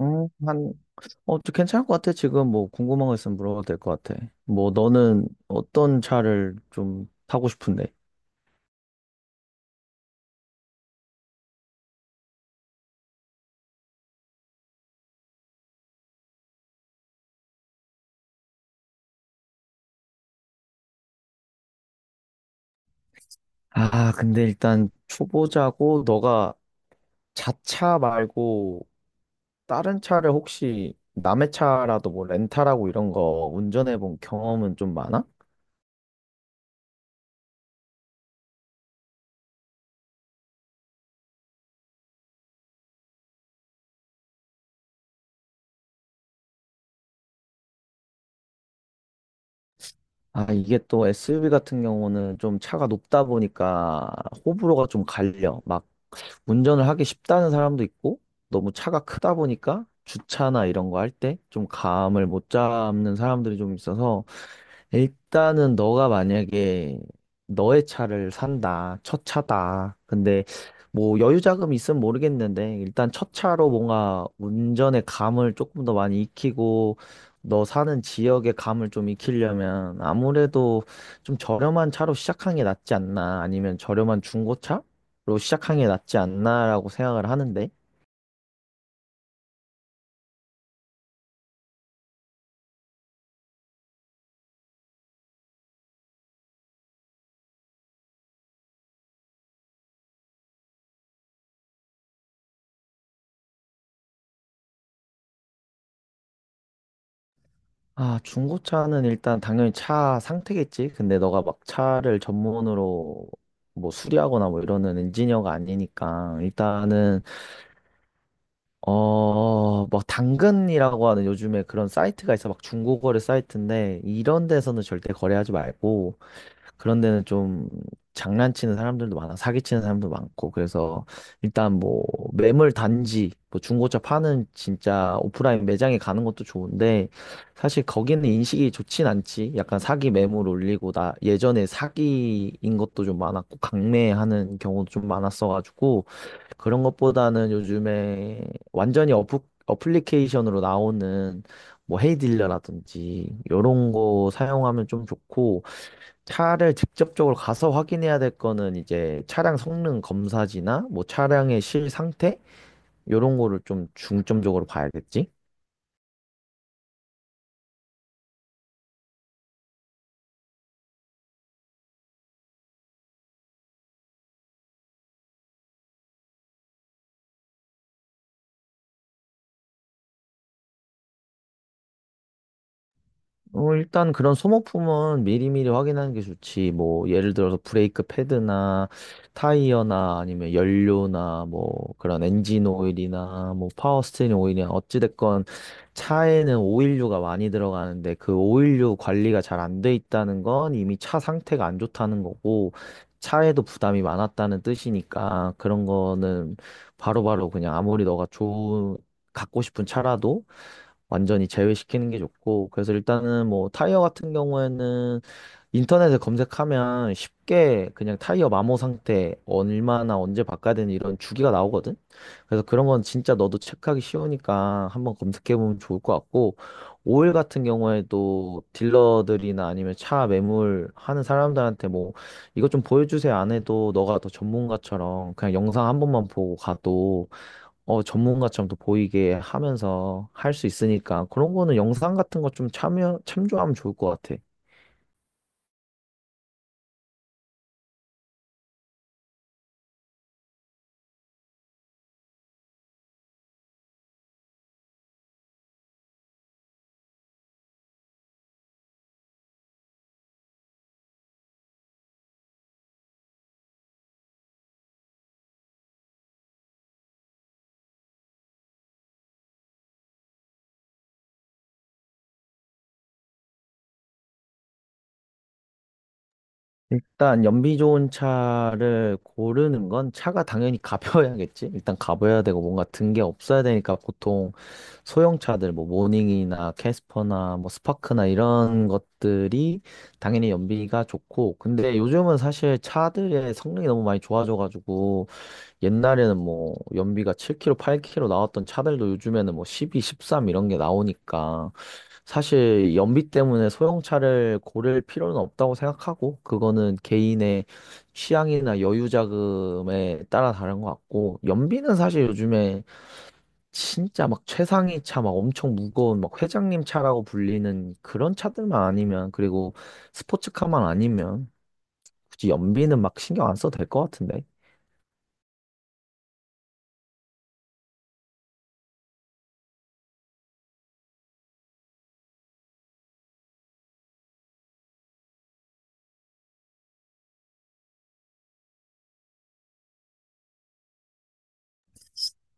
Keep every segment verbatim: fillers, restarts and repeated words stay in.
음, 한, 어, 저 괜찮을 것 같아. 지금 뭐 궁금한 거 있으면 물어봐도 될 것 같아. 뭐 너는 어떤 차를 좀 타고 싶은데? 아, 근데 일단 초보자고 너가 자차 말고 다른 차를 혹시 남의 차라도 뭐 렌탈하고 이런 거 운전해 본 경험은 좀 많아? 아, 이게 또 에스유브이 같은 경우는 좀 차가 높다 보니까 호불호가 좀 갈려. 막 운전을 하기 쉽다는 사람도 있고, 너무 차가 크다 보니까 주차나 이런 거 할 때 좀 감을 못 잡는 사람들이 좀 있어서, 일단은 너가 만약에 너의 차를 산다, 첫 차다. 근데 뭐 여유 자금이 있으면 모르겠는데, 일단 첫 차로 뭔가 운전의 감을 조금 더 많이 익히고 너 사는 지역의 감을 좀 익히려면, 아무래도 좀 저렴한 차로 시작하는 게 낫지 않나, 아니면 저렴한 중고차로 시작하는 게 낫지 않나라고 생각을 하는데. 아, 중고차는 일단 당연히 차 상태겠지. 근데 너가 막 차를 전문으로 뭐 수리하거나 뭐 이러는 엔지니어가 아니니까, 일단은 어, 뭐 당근이라고 하는, 요즘에 그런 사이트가 있어. 막 중고거래 사이트인데, 이런 데서는 절대 거래하지 말고. 그런 데는 좀 장난치는 사람들도 많아, 사기치는 사람도 많고. 그래서 일단 뭐 매물 단지, 뭐 중고차 파는 진짜 오프라인 매장에 가는 것도 좋은데, 사실 거기는 인식이 좋진 않지. 약간 사기 매물 올리고, 나 예전에 사기인 것도 좀 많았고, 강매하는 경우도 좀 많았어가지고. 그런 것보다는 요즘에 완전히 어플, 어플리케이션으로 나오는 뭐 헤이딜러라든지 이런 거 사용하면 좀 좋고. 차를 직접적으로 가서 확인해야 될 거는 이제 차량 성능 검사지나 뭐 차량의 실 상태, 요런 거를 좀 중점적으로 봐야겠지? 어, 일단 그런 소모품은 미리미리 확인하는 게 좋지. 뭐, 예를 들어서 브레이크 패드나 타이어나 아니면 연료나 뭐, 그런 엔진 오일이나 뭐, 파워 스티어링 오일이나. 어찌됐건 차에는 오일류가 많이 들어가는데, 그 오일류 관리가 잘 안 돼 있다는 건 이미 차 상태가 안 좋다는 거고, 차에도 부담이 많았다는 뜻이니까. 그런 거는 바로바로 그냥, 아무리 너가 좋은, 갖고 싶은 차라도 완전히 제외시키는 게 좋고. 그래서 일단은 뭐 타이어 같은 경우에는 인터넷에 검색하면 쉽게 그냥 타이어 마모 상태, 얼마나 언제 바꿔야 되는 이런 주기가 나오거든? 그래서 그런 건 진짜 너도 체크하기 쉬우니까 한번 검색해보면 좋을 것 같고, 오일 같은 경우에도 딜러들이나 아니면 차 매물 하는 사람들한테 뭐 "이것 좀 보여주세요" 안 해도, 너가 더 전문가처럼 그냥 영상 한 번만 보고 가도, 어, 전문가처럼 또 보이게 하면서 할 수 있으니까, 그런 거는 영상 같은 거 좀 참여, 참조하면 좋을 것 같아. 일단 연비 좋은 차를 고르는 건, 차가 당연히 가벼워야겠지. 일단 가벼워야 되고 뭔가 든 게 없어야 되니까, 보통 소형 차들 뭐 모닝이나 캐스퍼나 뭐 스파크나 이런 것들이 당연히 연비가 좋고. 근데 요즘은 사실 차들의 성능이 너무 많이 좋아져가지고, 옛날에는 뭐 연비가 칠 킬로미터, 팔 킬로미터 나왔던 차들도 요즘에는 뭐 십이, 십삼 이런 게 나오니까, 사실 연비 때문에 소형차를 고를 필요는 없다고 생각하고, 그거는 개인의 취향이나 여유 자금에 따라 다른 것 같고. 연비는 사실 요즘에 진짜 막 최상위 차, 막 엄청 무거운 막 회장님 차라고 불리는 그런 차들만 아니면, 그리고 스포츠카만 아니면, 굳이 연비는 막 신경 안 써도 될 것 같은데.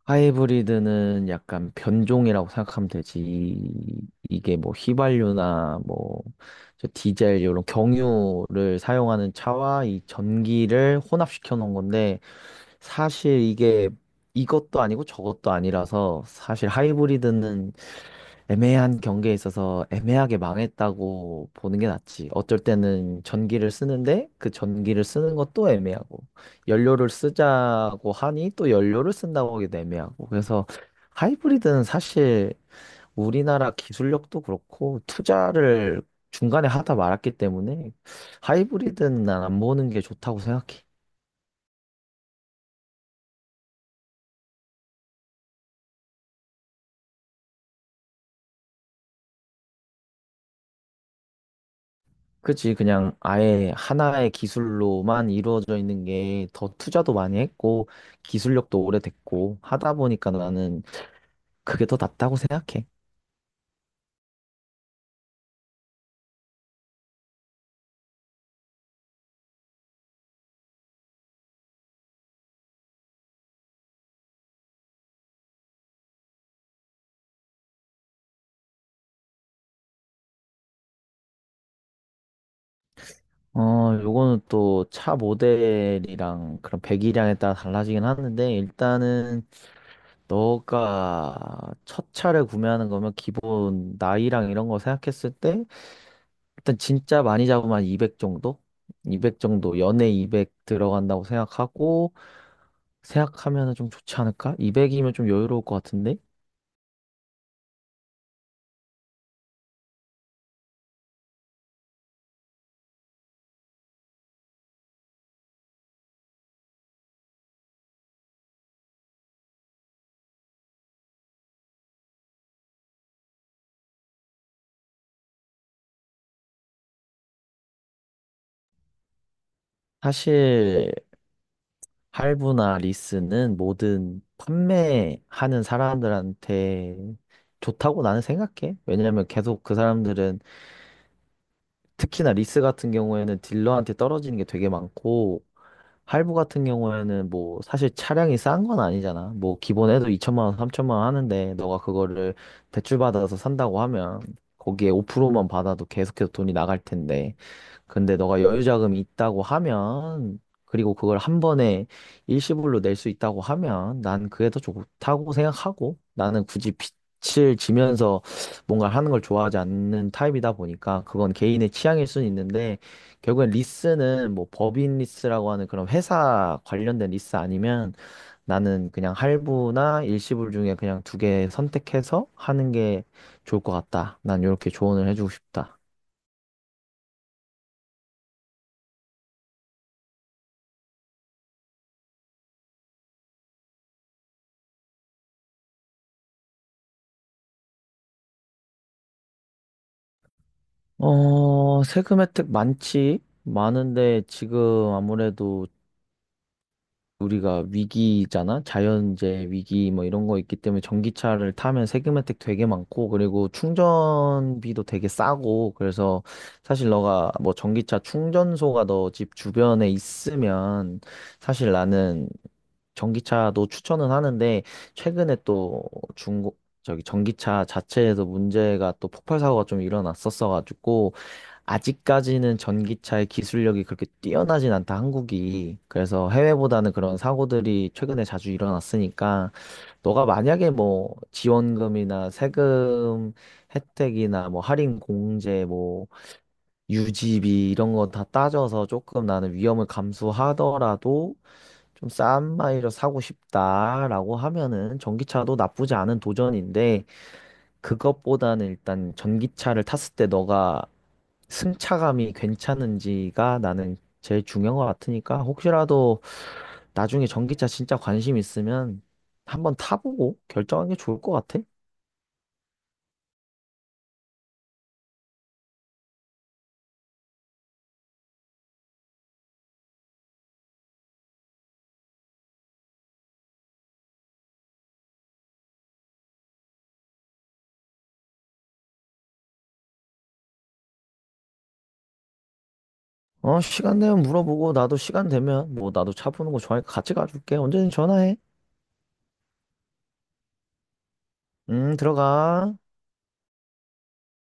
하이브리드는 약간 변종이라고 생각하면 되지. 이- 이게 뭐 휘발유나 뭐 저 디젤 이런 경유를 사용하는 차와 이 전기를 혼합시켜 놓은 건데, 사실 이게 이것도 아니고 저것도 아니라서, 사실 하이브리드는 애매한 경기에 있어서 애매하게 망했다고 보는 게 낫지. 어쩔 때는 전기를 쓰는데 그 전기를 쓰는 것도 애매하고, 연료를 쓰자고 하니 또 연료를 쓴다고 하기도 애매하고. 그래서 하이브리드는 사실 우리나라 기술력도 그렇고, 투자를 중간에 하다 말았기 때문에, 하이브리드는 난 안 보는 게 좋다고 생각해. 그치, 그냥 아예 하나의 기술로만 이루어져 있는 게 더 투자도 많이 했고, 기술력도 오래됐고, 하다 보니까 나는 그게 더 낫다고 생각해. 어, 요거는 또 차 모델이랑 그런 배기량에 따라 달라지긴 하는데, 일단은 너가 첫 차를 구매하는 거면 기본 나이랑 이런 거 생각했을 때, 일단 진짜 많이 잡으면 한이백 정도? 이백 정도, 연에 이백 들어간다고 생각하고, 생각하면 좀 좋지 않을까? 이백이면 좀 여유로울 것 같은데? 사실 할부나 리스는 모든 판매하는 사람들한테 좋다고 나는 생각해. 왜냐면 계속 그 사람들은, 특히나 리스 같은 경우에는 딜러한테 떨어지는 게 되게 많고, 할부 같은 경우에는 뭐 사실 차량이 싼 건 아니잖아. 뭐 기본에도 이천만 원, 삼천만 원 하는데 너가 그거를 대출받아서 산다고 하면 거기에 오 퍼센트만 받아도 계속해서 돈이 나갈 텐데. 근데 너가 여유자금이 있다고 하면, 그리고 그걸 한 번에 일시불로 낼 수 있다고 하면, 난 그게 더 좋다고 생각하고. 나는 굳이 빚을 지면서 뭔가 하는 걸 좋아하지 않는 타입이다 보니까, 그건 개인의 취향일 수는 있는데, 결국엔 리스는 뭐 법인 리스라고 하는 그런 회사 관련된 리스 아니면, 나는 그냥 할부나 일시불 중에 그냥 두 개 선택해서 하는 게 좋을 것 같다. 난 이렇게 조언을 해주고 싶다. 어, 세금 혜택 많지? 많은데, 지금 아무래도 우리가 위기잖아? 자연재해 위기 뭐 이런 거 있기 때문에 전기차를 타면 세금 혜택 되게 많고, 그리고 충전비도 되게 싸고. 그래서 사실 너가 뭐 전기차 충전소가 너 집 주변에 있으면, 사실 나는 전기차도 추천은 하는데, 최근에 또 중고 저기 전기차 자체에서 문제가 또 폭발 사고가 좀 일어났었어가지고, 아직까지는 전기차의 기술력이 그렇게 뛰어나진 않다, 한국이. 그래서 해외보다는 그런 사고들이 최근에 자주 일어났으니까, 너가 만약에 뭐 지원금이나 세금 혜택이나 뭐 할인 공제, 뭐 유지비 이런 거 다 따져서 조금 나는 위험을 감수하더라도 좀 싼 마이로 사고 싶다라고 하면은 전기차도 나쁘지 않은 도전인데, 그것보다는 일단 전기차를 탔을 때 너가 승차감이 괜찮은지가 나는 제일 중요한 것 같으니까, 혹시라도 나중에 전기차 진짜 관심 있으면 한번 타보고 결정하는 게 좋을 것 같아. 어, 시간 되면 물어보고, 나도 시간 되면 뭐, 나도 차 보는 거 좋아하니까 같이 가줄게. 언제든 전화해. 음, 들어가.